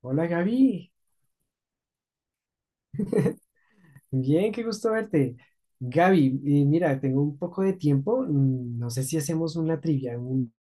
Hola Gaby, bien, qué gusto verte. Gaby, mira, tengo un poco de tiempo, no sé si hacemos una trivia,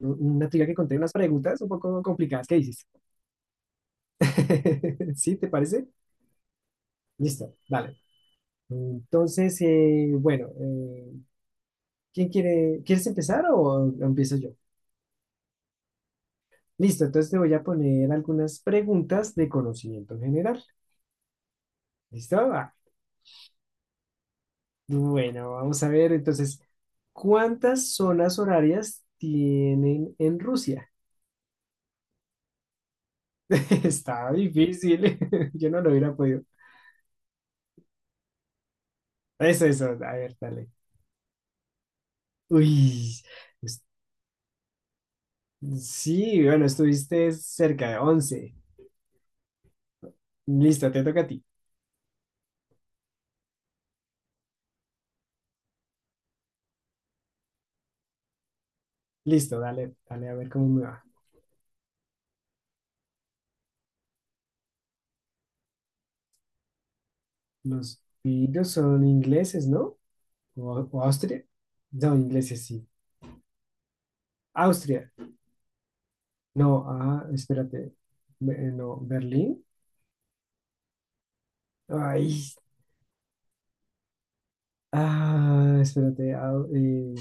una trivia que conté unas preguntas un poco complicadas, ¿qué dices? ¿Sí, te parece? Listo, dale. Entonces, bueno, ¿ quieres empezar o empiezo yo? Listo, entonces te voy a poner algunas preguntas de conocimiento general. ¿Listo? Ah, bueno, vamos a ver entonces, ¿cuántas zonas horarias tienen en Rusia? Está difícil, yo no lo hubiera podido. Eso, a ver, dale. Uy, es- sí, bueno, estuviste cerca de 11. Listo, te toca a ti. Listo, dale, dale, a ver cómo me va. Los piros son ingleses, ¿no? ¿O Austria? No, ingleses, sí. Austria. No, ah, espérate. No, Berlín. Ay, ah, espérate.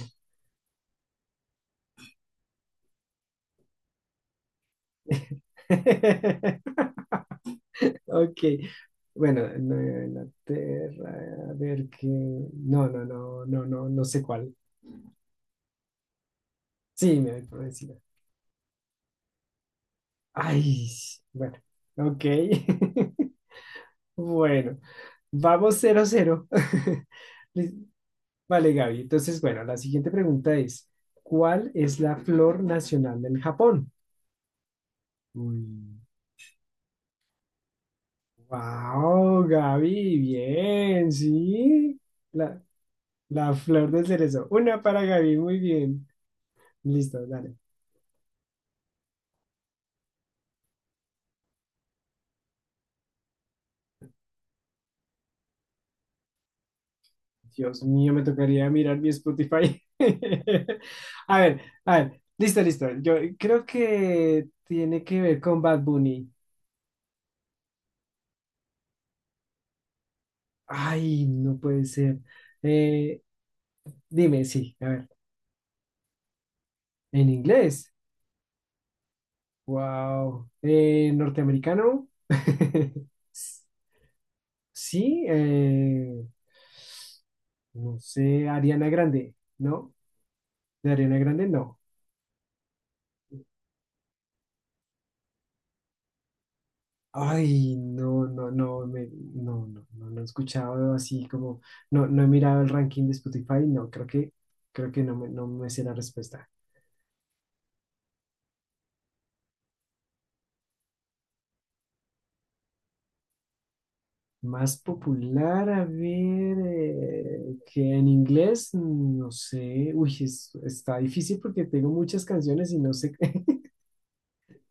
Ok. Bueno, Nueva Inglaterra. A ver qué. No, no, no, no, no, no sé cuál. Sí, me voy por encima. Ay, bueno. Ok. Bueno, vamos cero cero. Liz- Vale, Gaby. Entonces, bueno, la siguiente pregunta es: ¿cuál es la flor nacional del Japón? Uy. Wow, Gaby, bien, sí. La, La flor de cerezo. Una para Gaby, muy bien. Listo, dale. Dios mío, me tocaría mirar mi Spotify. A ver, a ver. Listo, listo. Yo creo que tiene que ver con Bad Bunny. Ay, no puede ser. Eh, dime, sí, a ver. En inglés. Wow. Norteamericano. S- Sí, no sé, Ariana Grande, ¿no? De Ariana Grande, no. Ay, no, no, no, no, no, no, no he escuchado así como, no, no he mirado el ranking de Spotify, no, creo que no me, no me sé la respuesta. Más popular, a ver, que en inglés, no sé, uy, está difícil porque tengo muchas canciones y no sé,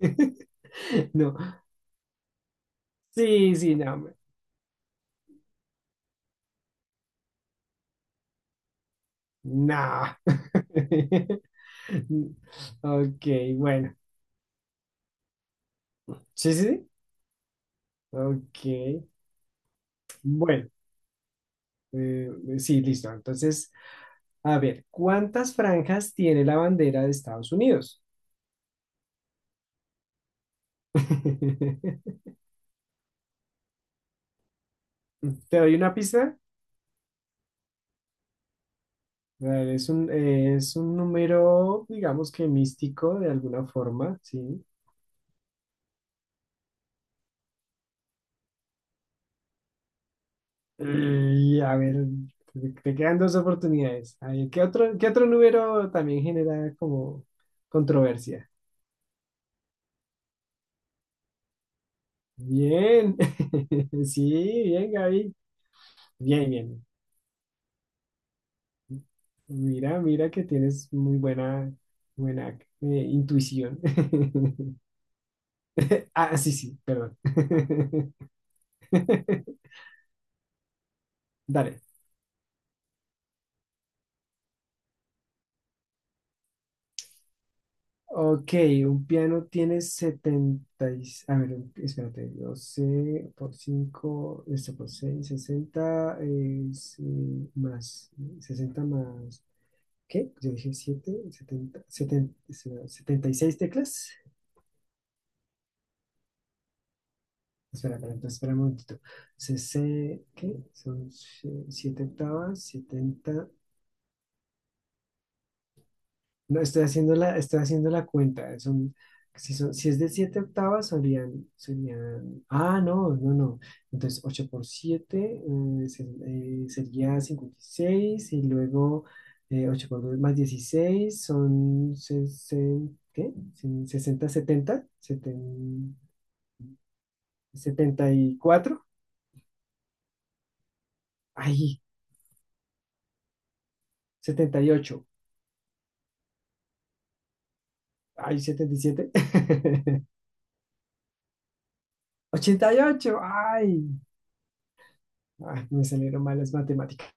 no, sí, sí, no, no. Ok, bueno, sí, sí, sí, ok, bueno. Sí, listo. Entonces, a ver, ¿cuántas franjas tiene la bandera de Estados Unidos? ¿Te doy una pista? A ver, es un número, digamos que místico de alguna forma, ¿sí? Y a ver, te quedan dos oportunidades. A ver, ¿ qué otro número también genera como controversia? Bien, sí, bien, Gaby. Bien, bien. Mira, mira que tienes muy buena, buena intuición. Ah, sí, sí, perdón. Dale. Ok, un piano tiene 70 y-. A ver, espérate. 12 por 5, esto por 6, 60 es, sí, más. 60 más. ¿Qué? Yo dije 7, 76 teclas. Espera, espera, entonces, espera un momentito. CC, ¿qué? Son si, 7 octavas, setenta. No, estoy haciendo la cuenta. Son, si es de 7 octavas, serían, serían. Ah, no, no, no. Entonces, 8 por 7 sería 56. Y seis y luego, 8 por 2 más 16 son 60. ¿Qué? Son 60, 70, 70, 74. Ahí, 78. Ay, 77. 88. Ay, ay, me salieron malas matemáticas.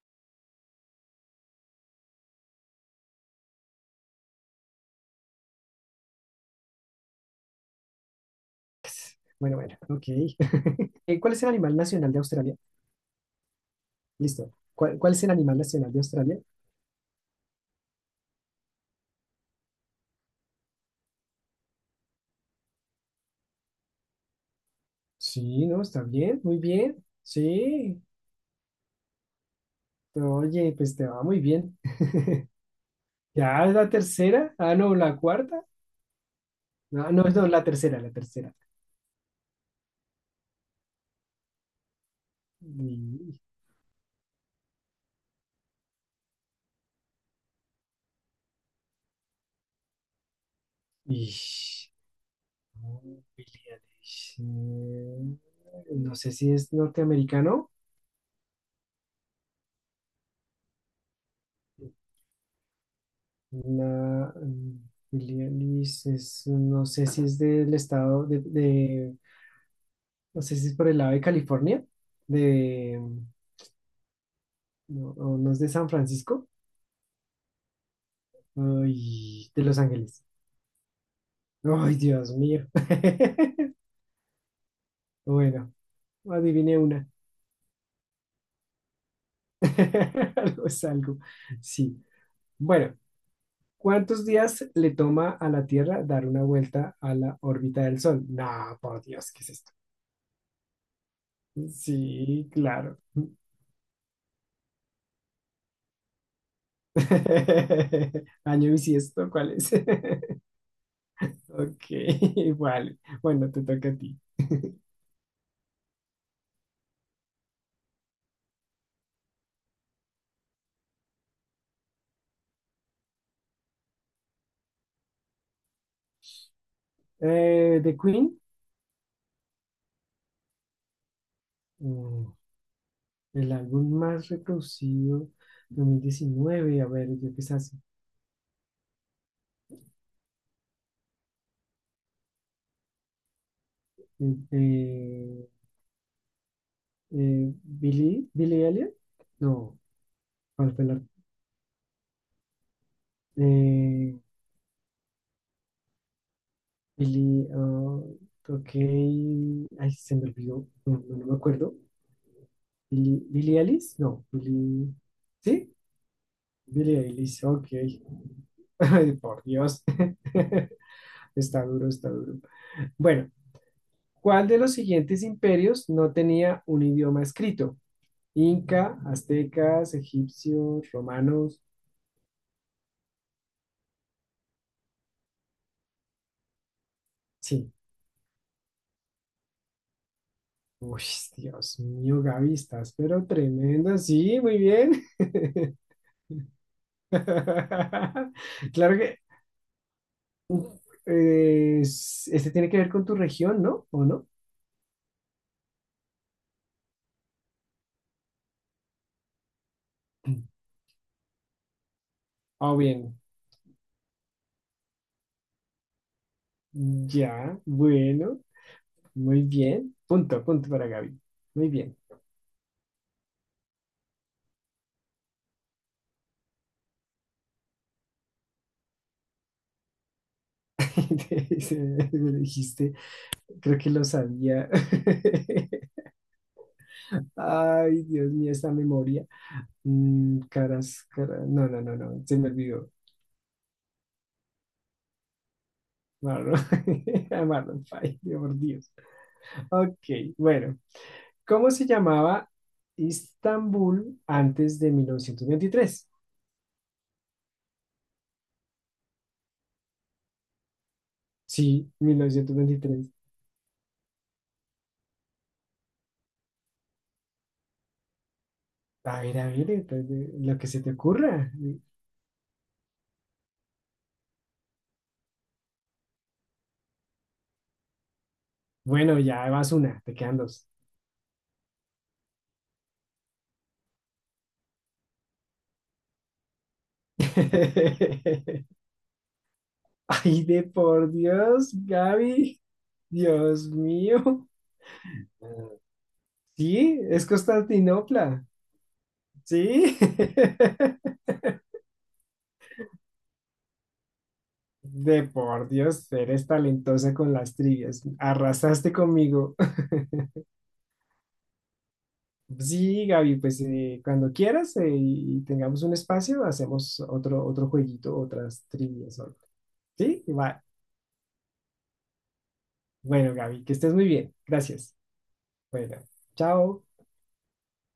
Bueno, bueno, ok. ¿Cuál es el animal nacional de Australia? Listo. ¿Cuál es el animal nacional de Australia? Sí, no, está bien, muy bien. Sí. Oye, pues te va muy bien. Ya es la tercera. Ah, no, la cuarta. No, no, no, la tercera, la tercera. Y, y- no, Billie Eilish. No sé si es norteamericano. La Helialis es, no sé si es del estado no sé si es por el lado de California, de, no, o no es de San Francisco, ay, de Los Ángeles. Ay, Dios mío. Bueno, adiviné una. Algo es algo. Sí. Bueno, ¿cuántos días le toma a la Tierra dar una vuelta a la órbita del Sol? No, por Dios, ¿qué es esto? Sí, claro. Año bisiesto, ¿cuál es? Ok, vale. Bueno, te toca a ti. The Queen, mm, el álbum más reproducido 2019. A ver, yo qué sé. ¿Hace? Eh, eh, Billy, Billy Elliot? No, ¿cuál fue eh, Billy, ok. Ay, se me olvidó. No, no, no me acuerdo. Billy, Billy Ellis? No, Billy. ¿Sí? Billie Eilish, ok. Ay, por Dios. Está duro, está duro. Bueno, ¿cuál de los siguientes imperios no tenía un idioma escrito? Inca, aztecas, egipcios, romanos. Sí. Uy, Dios mío, Gaby, estás pero tremenda. Sí, muy bien. Claro que este tiene que ver con tu región, ¿no? ¿O no? Ah, bien. Ya, bueno. Muy bien. Punto, punto para Gaby. Muy bien. Me lo dijiste, creo que lo sabía. Ay, Dios mío, esta memoria. Caras, caras. No, no, no, no. Se me olvidó. Marlon, a Marlon Fay, por Dios. Ok, bueno. ¿Cómo se llamaba Istambul antes de 1923? Sí, 1923. A ver, entonces, lo que se te ocurra. Bueno, ya vas una, te quedan dos. Ay, de por Dios, Gaby. Dios mío. Sí, es Constantinopla. Sí. De por Dios, eres talentosa con las trivias. Arrasaste conmigo. Sí, Gaby, pues cuando quieras y tengamos un espacio, hacemos otro, otro jueguito, otras trivias. O Sí, va. Bueno, Gaby, que estés muy bien. Gracias. Bueno, chao.